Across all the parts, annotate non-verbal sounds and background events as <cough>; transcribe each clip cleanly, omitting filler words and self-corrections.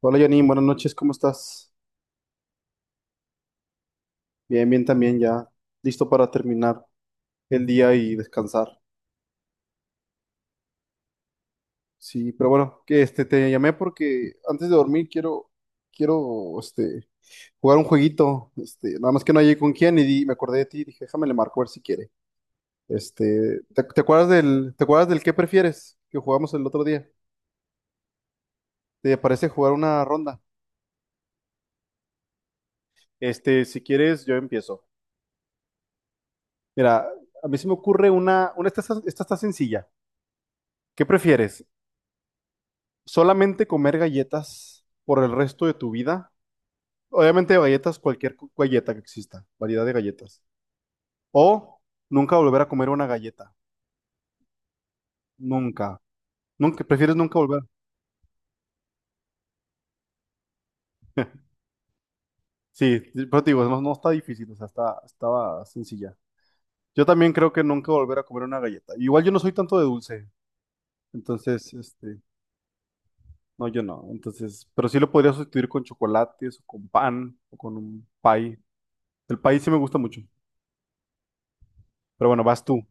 Hola Janine, buenas noches, ¿cómo estás? Bien, bien también, ya listo para terminar el día y descansar. Sí, pero bueno, que te llamé porque antes de dormir quiero jugar un jueguito, nada más que no llegué con quién y me acordé de ti y dije, déjame le marco a ver si quiere. Te acuerdas del qué prefieres que jugamos el otro día? ¿Te parece jugar una ronda? Si quieres yo empiezo. Mira, a mí se me ocurre una, esta está sencilla. ¿Qué prefieres? Solamente comer galletas por el resto de tu vida. Obviamente galletas, cualquier galleta que exista, variedad de galletas. O nunca volver a comer una galleta. Nunca. Nunca, prefieres nunca volver. <laughs> Sí, pero te digo, no, no está difícil, o sea, estaba sencilla. Yo también creo que nunca volver a comer una galleta. Igual yo no soy tanto de dulce, entonces, no, yo no. Entonces, pero sí lo podría sustituir con chocolates o con pan o con un pie. El pie sí me gusta mucho. Pero bueno, vas tú.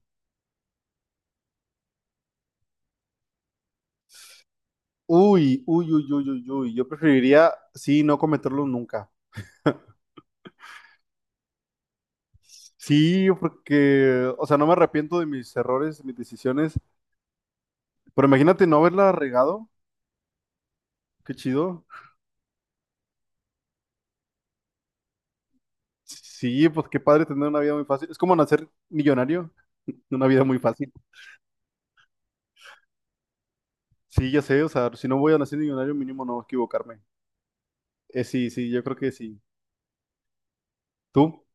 Uy, uy, uy, uy, uy, uy. Yo preferiría, sí, no cometerlos nunca. Sí, porque, o sea, no me arrepiento de mis errores, de mis decisiones, pero imagínate no haberla regado. Qué chido. Sí, pues qué padre tener una vida muy fácil. Es como nacer millonario, <laughs> una vida muy fácil. Sí, ya sé, o sea, si no voy a nacer millonario, mínimo no equivocarme. Sí, sí, yo creo que sí. Tú,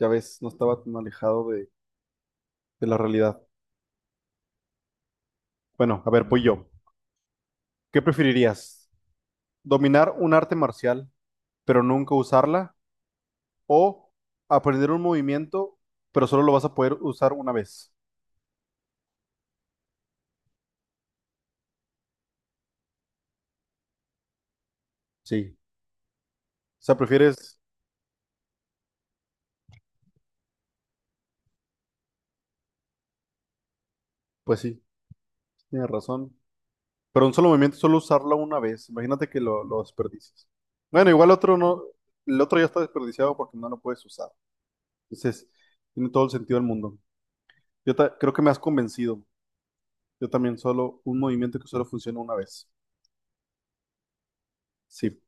ya ves, no estaba tan alejado de la realidad. Bueno, a ver, pues yo. ¿Qué preferirías? ¿Dominar un arte marcial, pero nunca usarla, o aprender un movimiento, pero solo lo vas a poder usar una vez? Sí. O sea, prefieres, pues sí, tienes razón. Pero un solo movimiento, solo usarlo una vez. Imagínate que lo desperdicies. Bueno, igual otro no, el otro ya está desperdiciado porque no lo puedes usar. Entonces, tiene todo el sentido del mundo. Yo creo que me has convencido. Yo también solo un movimiento que solo funciona una vez. Sí.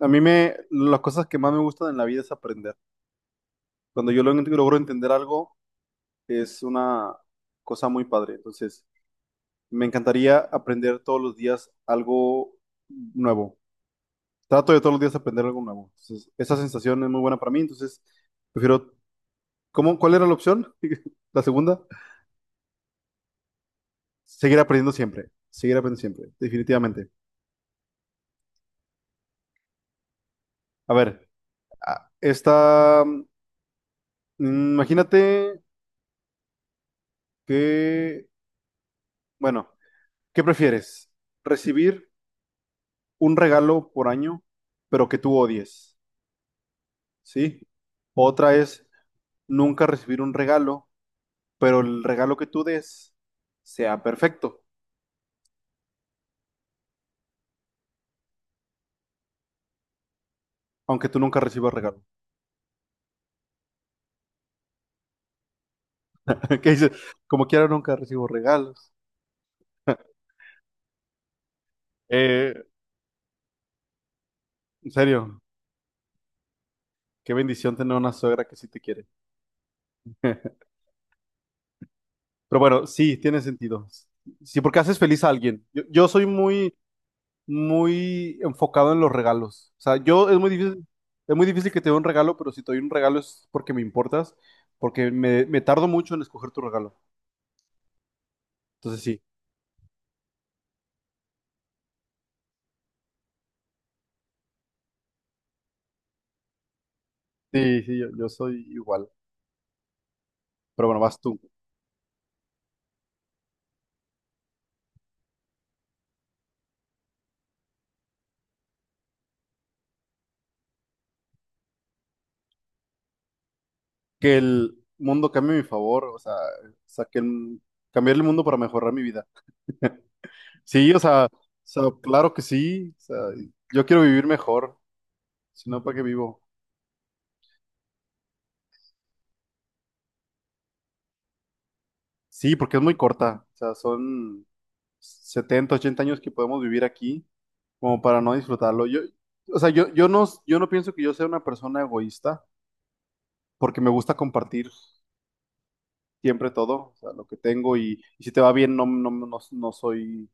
Las cosas que más me gustan en la vida es aprender. Cuando yo logro entender algo, es una cosa muy padre. Entonces, me encantaría aprender todos los días algo nuevo. Trato de todos los días aprender algo nuevo. Entonces, esa sensación es muy buena para mí. Entonces, prefiero. ¿Cuál era la opción? <laughs> La segunda. Seguir aprendiendo siempre. Seguir aprendiendo siempre. Definitivamente. A ver, esta. Imagínate que. Bueno, ¿qué prefieres? ¿Recibir un regalo por año, pero que tú odies? ¿Sí? Otra es nunca recibir un regalo, pero el regalo que tú des sea perfecto, aunque tú nunca recibas regalo. <laughs> ¿Qué dices? Como quiera, nunca recibo regalos. <laughs> Eh, en serio, qué bendición tener una suegra que sí te quiere. <laughs> Pero bueno, sí, tiene sentido. Sí, porque haces feliz a alguien. Yo soy muy, muy enfocado en los regalos. O sea, yo es muy difícil que te dé un regalo, pero si te doy un regalo es porque me importas, porque me tardo mucho en escoger tu regalo. Entonces sí, sí, sí, yo soy igual. Pero bueno, vas tú. Que el mundo cambie a mi favor, o sea, que cambiar el mundo para mejorar mi vida. Sí, o sea, claro que sí. O sea, yo quiero vivir mejor, si no, ¿para qué vivo? Sí, porque es muy corta. O sea, son 70 80 años que podemos vivir aquí, como para no disfrutarlo. Yo, o sea, yo no pienso que yo sea una persona egoísta, porque me gusta compartir siempre todo, o sea, lo que tengo, y si te va bien, no, no, no, no soy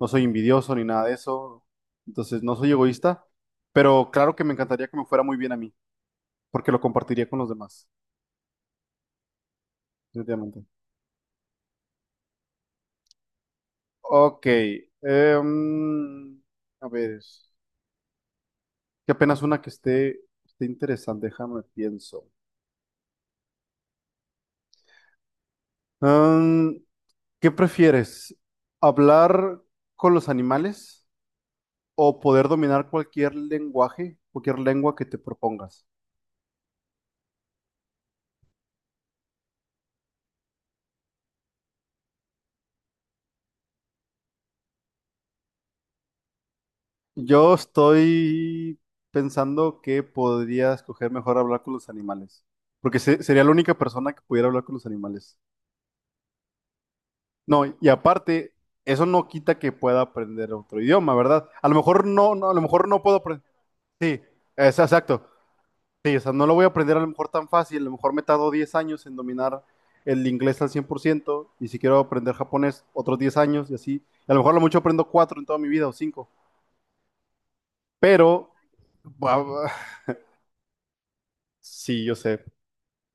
no soy envidioso ni nada de eso, entonces no soy egoísta, pero claro que me encantaría que me fuera muy bien a mí, porque lo compartiría con los demás, definitivamente. Ok, em, a ver, que apenas una que esté interesante, déjame pienso. Em, ¿Qué prefieres? ¿Hablar con los animales o poder dominar cualquier lenguaje, cualquier lengua que te propongas? Yo estoy pensando que podría escoger mejor hablar con los animales, porque sería la única persona que pudiera hablar con los animales. No, y aparte, eso no quita que pueda aprender otro idioma, ¿verdad? A lo mejor no, no, a lo mejor no puedo aprender. Sí, exacto. Sí, o sea, no lo voy a aprender a lo mejor tan fácil, a lo mejor me tardo 10 años en dominar el inglés al 100% y si quiero aprender japonés, otros 10 años y así. A lo mejor a lo mucho aprendo 4 en toda mi vida o 5. Pero. Guau, <laughs> sí, yo sé.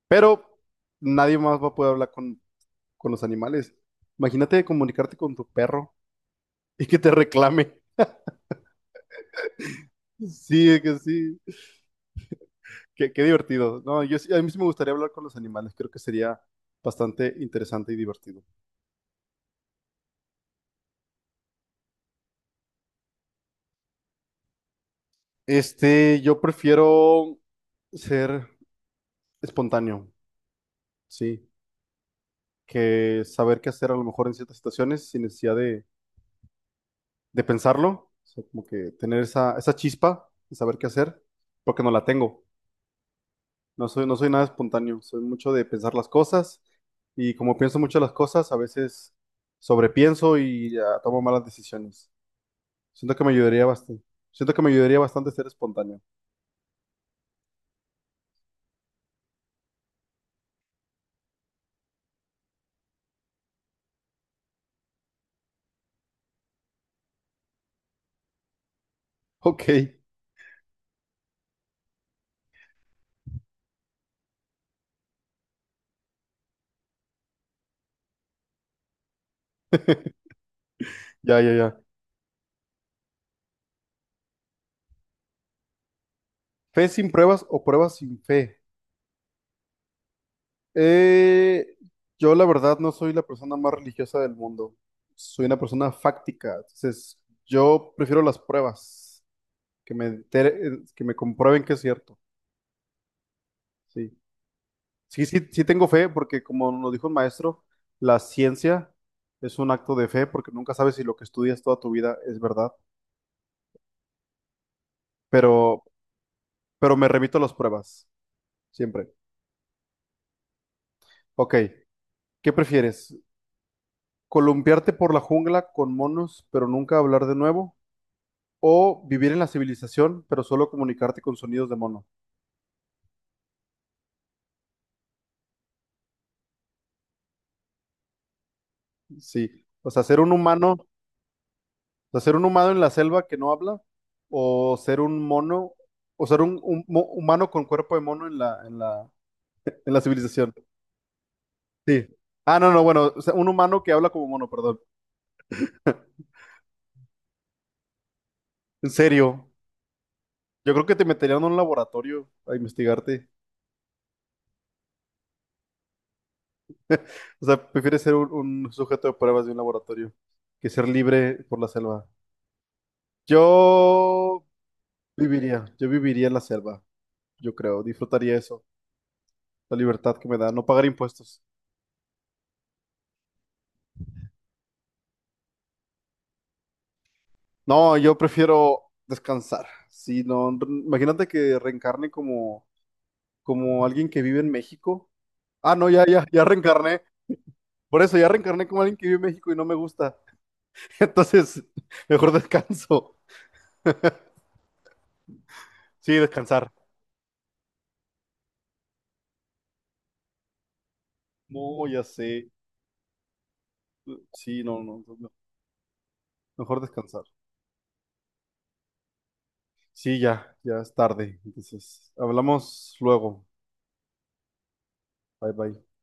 Pero nadie más va a poder hablar con, los animales. Imagínate comunicarte con tu perro <laughs> y que te reclame. Sí, que sí. Qué divertido. No, yo a mí sí me gustaría hablar con los animales. Creo que sería bastante interesante y divertido. Yo prefiero ser espontáneo, sí, que saber qué hacer a lo mejor en ciertas situaciones sin necesidad de, pensarlo. O sea, como que tener esa chispa y saber qué hacer, porque no la tengo. No soy nada espontáneo, soy mucho de pensar las cosas y como pienso mucho las cosas, a veces sobrepienso y ya, tomo malas decisiones. Siento que me ayudaría bastante. Siento que me ayudaría bastante ser espontáneo. <laughs> Ok, ya, ya, ya. ¿Fe sin pruebas o pruebas sin fe? Eh, yo la verdad no soy la persona más religiosa del mundo. Soy una persona fáctica. Entonces, yo prefiero las pruebas, que me que me comprueben que es cierto. Sí. Sí, sí, sí tengo fe porque como nos dijo el maestro, la ciencia es un acto de fe porque nunca sabes si lo que estudias toda tu vida es verdad, pero, pero, me remito a las pruebas, siempre. Ok, ¿qué prefieres? ¿Columpiarte por la jungla con monos pero nunca hablar de nuevo? ¿O vivir en la civilización pero solo comunicarte con sonidos de mono? Sí, o sea, ser un humano, o sea, ser un humano en la selva que no habla o ser un mono, o ser un humano con cuerpo de mono en la civilización. Sí. Ah, no, no, bueno, o sea, un humano que habla como mono, perdón. En serio, yo creo que te meterían en un laboratorio a investigarte. O sea, prefieres ser un sujeto de pruebas de un laboratorio que ser libre por la selva. Yo yo viviría en la selva, yo creo, disfrutaría eso, la libertad que me da, no pagar impuestos. No, yo prefiero descansar. Si no, imagínate que reencarne como alguien que vive en México. Ah, no, ya, ya, ya reencarné. Por eso ya reencarné como alguien que vive en México y no me gusta. <laughs> Entonces, mejor descanso. Sí, descansar. No, ya sé. Sí, no, no, no, no. Mejor descansar. Sí, ya, ya es tarde. Entonces, hablamos luego. Bye, bye.